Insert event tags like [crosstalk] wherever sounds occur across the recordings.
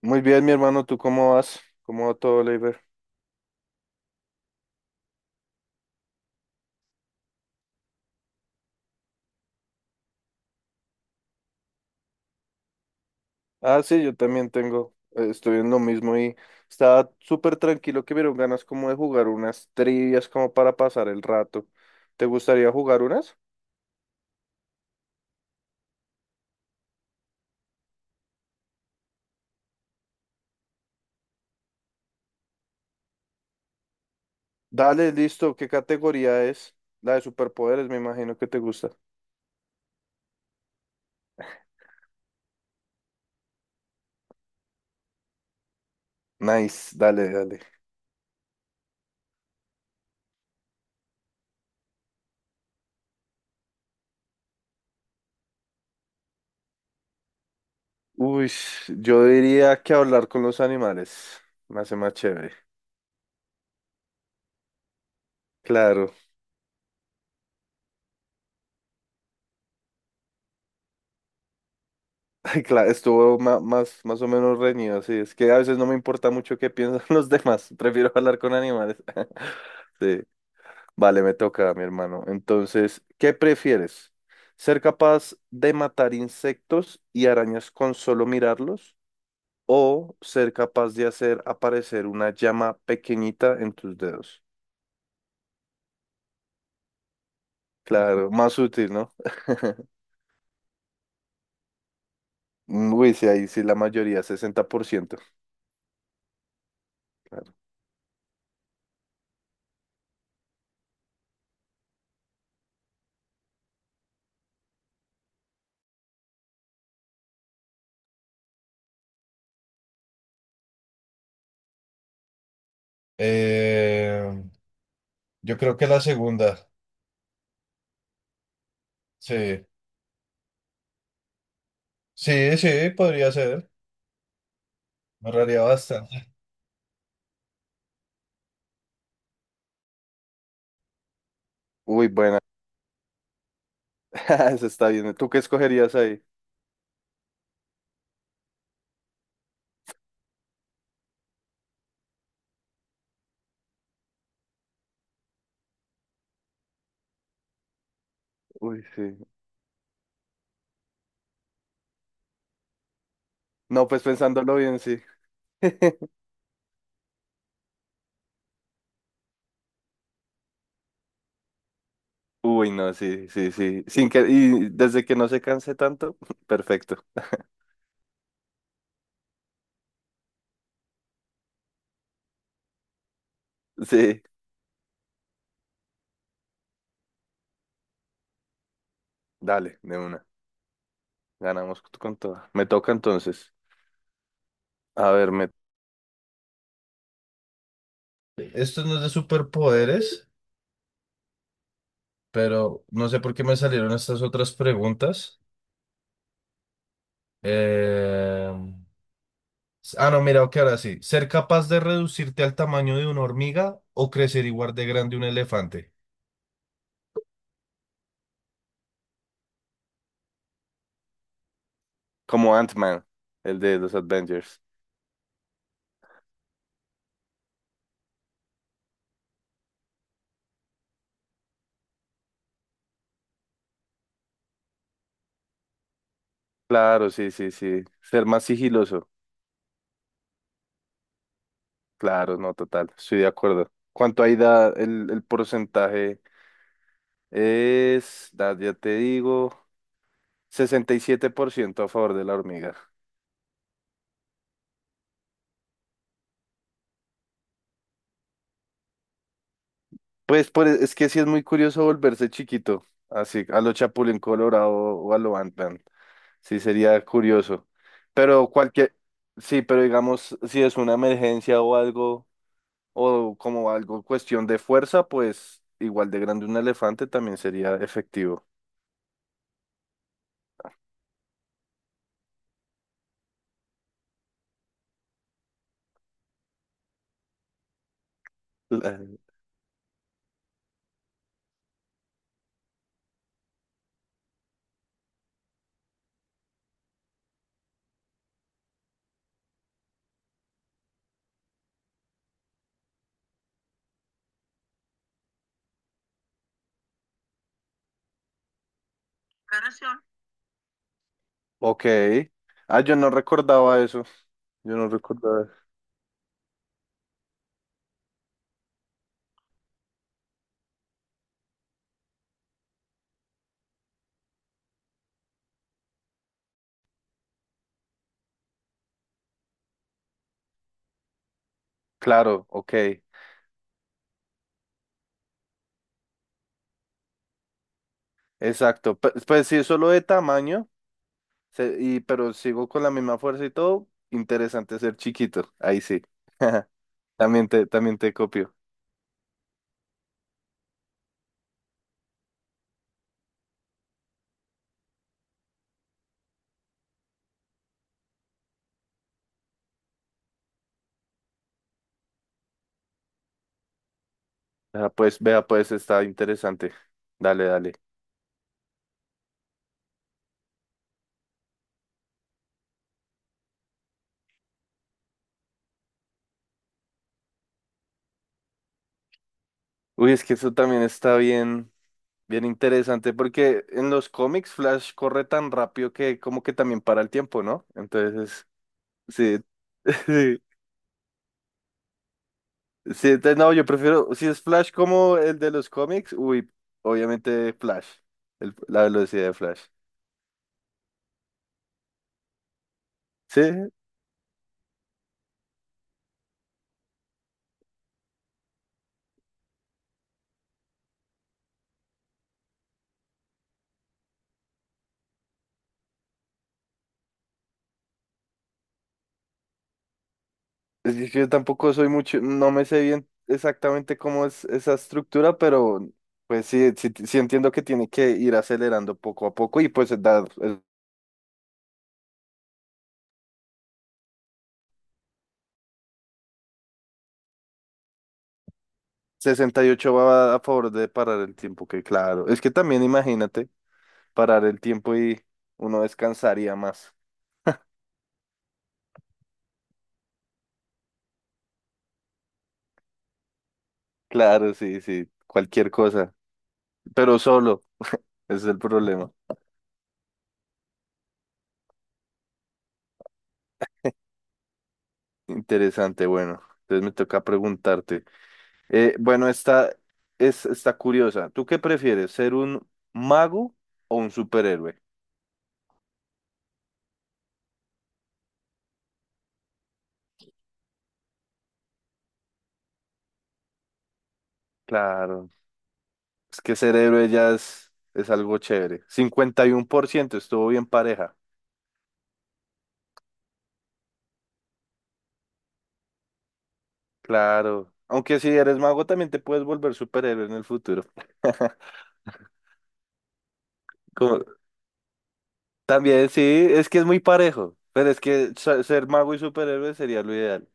Muy bien, mi hermano, ¿tú cómo vas? ¿Cómo va todo, Leiber? Ah, sí, yo también tengo, estoy en lo mismo y estaba súper tranquilo que vieron ganas como de jugar unas trivias como para pasar el rato. ¿Te gustaría jugar unas? Dale, listo, ¿qué categoría es? La de superpoderes, me imagino que te gusta. Nice, dale, dale. Uy, yo diría que hablar con los animales me hace más chévere. Claro. [laughs] Ay, claro, estuvo más o menos reñido, sí. Es que a veces no me importa mucho qué piensan [laughs] los demás. Prefiero hablar con animales. [laughs] Sí, vale, me toca, mi hermano. Entonces, ¿qué prefieres? ¿Ser capaz de matar insectos y arañas con solo mirarlos? ¿O ser capaz de hacer aparecer una llama pequeñita en tus dedos? Claro, más útil, ¿no? [laughs] Uy, sí, ahí sí la mayoría, 60%. Claro. Eh, yo creo que la segunda. Sí, sí, sí, podría ser. Me ahorraría bastante. Uy, buena. [laughs] Eso está bien. ¿Tú qué escogerías ahí? Uy, sí. No, pues pensándolo bien, sí. [laughs] Uy, no, sí, sí, sí. Sin que, y desde que no se canse tanto, [laughs] perfecto. [laughs] Sí, dale, de una. Ganamos con todo. Me toca entonces. A ver, me... Esto no es de superpoderes, pero no sé por qué me salieron estas otras preguntas. Eh, Ah, no, mira, ok, ahora sí. Ser capaz de reducirte al tamaño de una hormiga o crecer igual de grande un elefante. Como Ant-Man, el de los Avengers. Claro, sí, sí, sí. Ser más sigiloso. Claro, no, total. Estoy de acuerdo. ¿Cuánto ahí da el porcentaje? Es, ya te digo, 67% a favor de la hormiga. Pues, es que sí es muy curioso volverse chiquito, así, a lo Chapulín Colorado o a lo Ant-Man. Sí, sería curioso. Pero cualquier, sí, pero digamos, si es una emergencia o algo, o como algo cuestión de fuerza, pues igual de grande un elefante también sería efectivo. La- Claro, ok. Ah, yo no recordaba eso. Yo no recordaba. Claro, ok. Exacto. Pues, si es solo de tamaño, y, pero sigo con la misma fuerza y todo, interesante ser chiquito. Ahí sí. [laughs] También te copio. Ah, pues vea, pues está interesante. Dale, dale. Uy, es que eso también está bien, bien interesante porque en los cómics Flash corre tan rápido que como que también para el tiempo, ¿no? Entonces, sí. [laughs] Sí, sí, entonces, no, yo prefiero, si es Flash como el de los cómics, uy, obviamente Flash, la velocidad de Flash. Sí, es que yo tampoco soy mucho, no me sé bien exactamente cómo es esa estructura, pero pues sí, sí, sí entiendo que tiene que ir acelerando poco a poco y pues dar el 68 va a favor de parar el tiempo, que claro. Es que también imagínate parar el tiempo y uno descansaría más. Claro, sí, sí, cualquier cosa, pero solo, ese es el problema. Interesante, bueno, entonces me toca preguntarte. Bueno, esta es, está curiosa. ¿Tú qué prefieres, ser un mago o un superhéroe? Claro, es que ser héroe ya es algo chévere. 51% estuvo bien pareja. Claro. Aunque si eres mago también te puedes volver superhéroe en el futuro. [laughs] Como- también sí, es que es muy parejo. Pero es que ser mago y superhéroe sería lo ideal.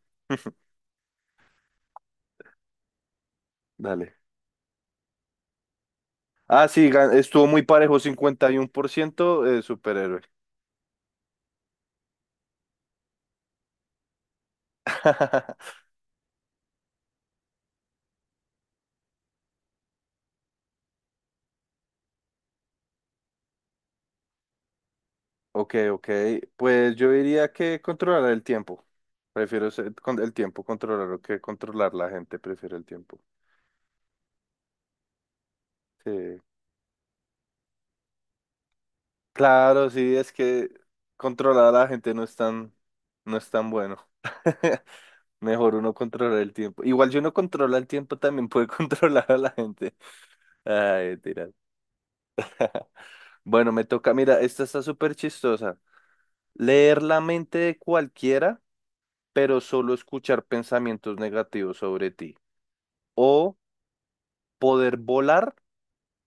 Dale. Ah, sí, estuvo muy parejo, 51% superhéroe. [laughs] Ok, ok. Pues yo diría que controlar el tiempo. Prefiero el tiempo controlarlo que controlar la gente. Prefiero el tiempo. Sí. Claro, sí, es que controlar a la gente no es tan bueno. [laughs] Mejor uno controlar el tiempo. Igual si uno controla el tiempo también puede [laughs] controlar a la gente. Ay, tira. [laughs] Bueno, me toca, mira, esta está súper chistosa. Leer la mente de cualquiera, pero solo escuchar pensamientos negativos sobre ti. O poder volar,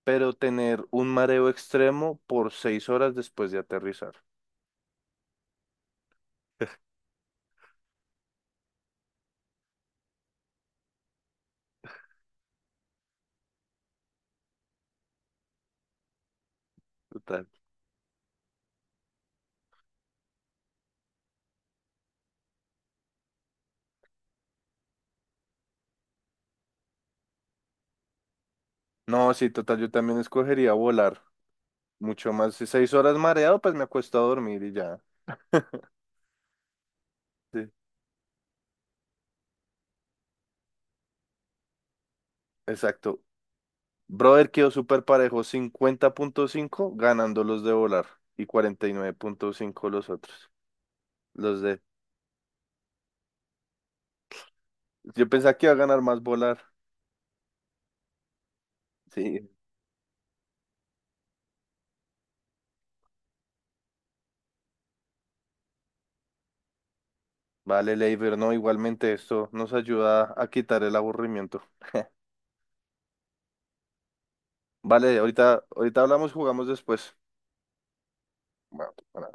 pero tener un mareo extremo por 6 horas después de aterrizar. Total. No, sí, total, yo también escogería volar. Mucho más. Si 6 horas mareado, pues me acuesto a dormir y ya. Sí, exacto. Brother quedó súper parejo, 50,5 ganando los de volar y 49,5 los otros. Los de... Yo pensaba que iba a ganar más volar. Sí. Vale, Leiber, no, igualmente esto nos ayuda a quitar el aburrimiento. Vale, ahorita, ahorita hablamos, jugamos después. Bueno,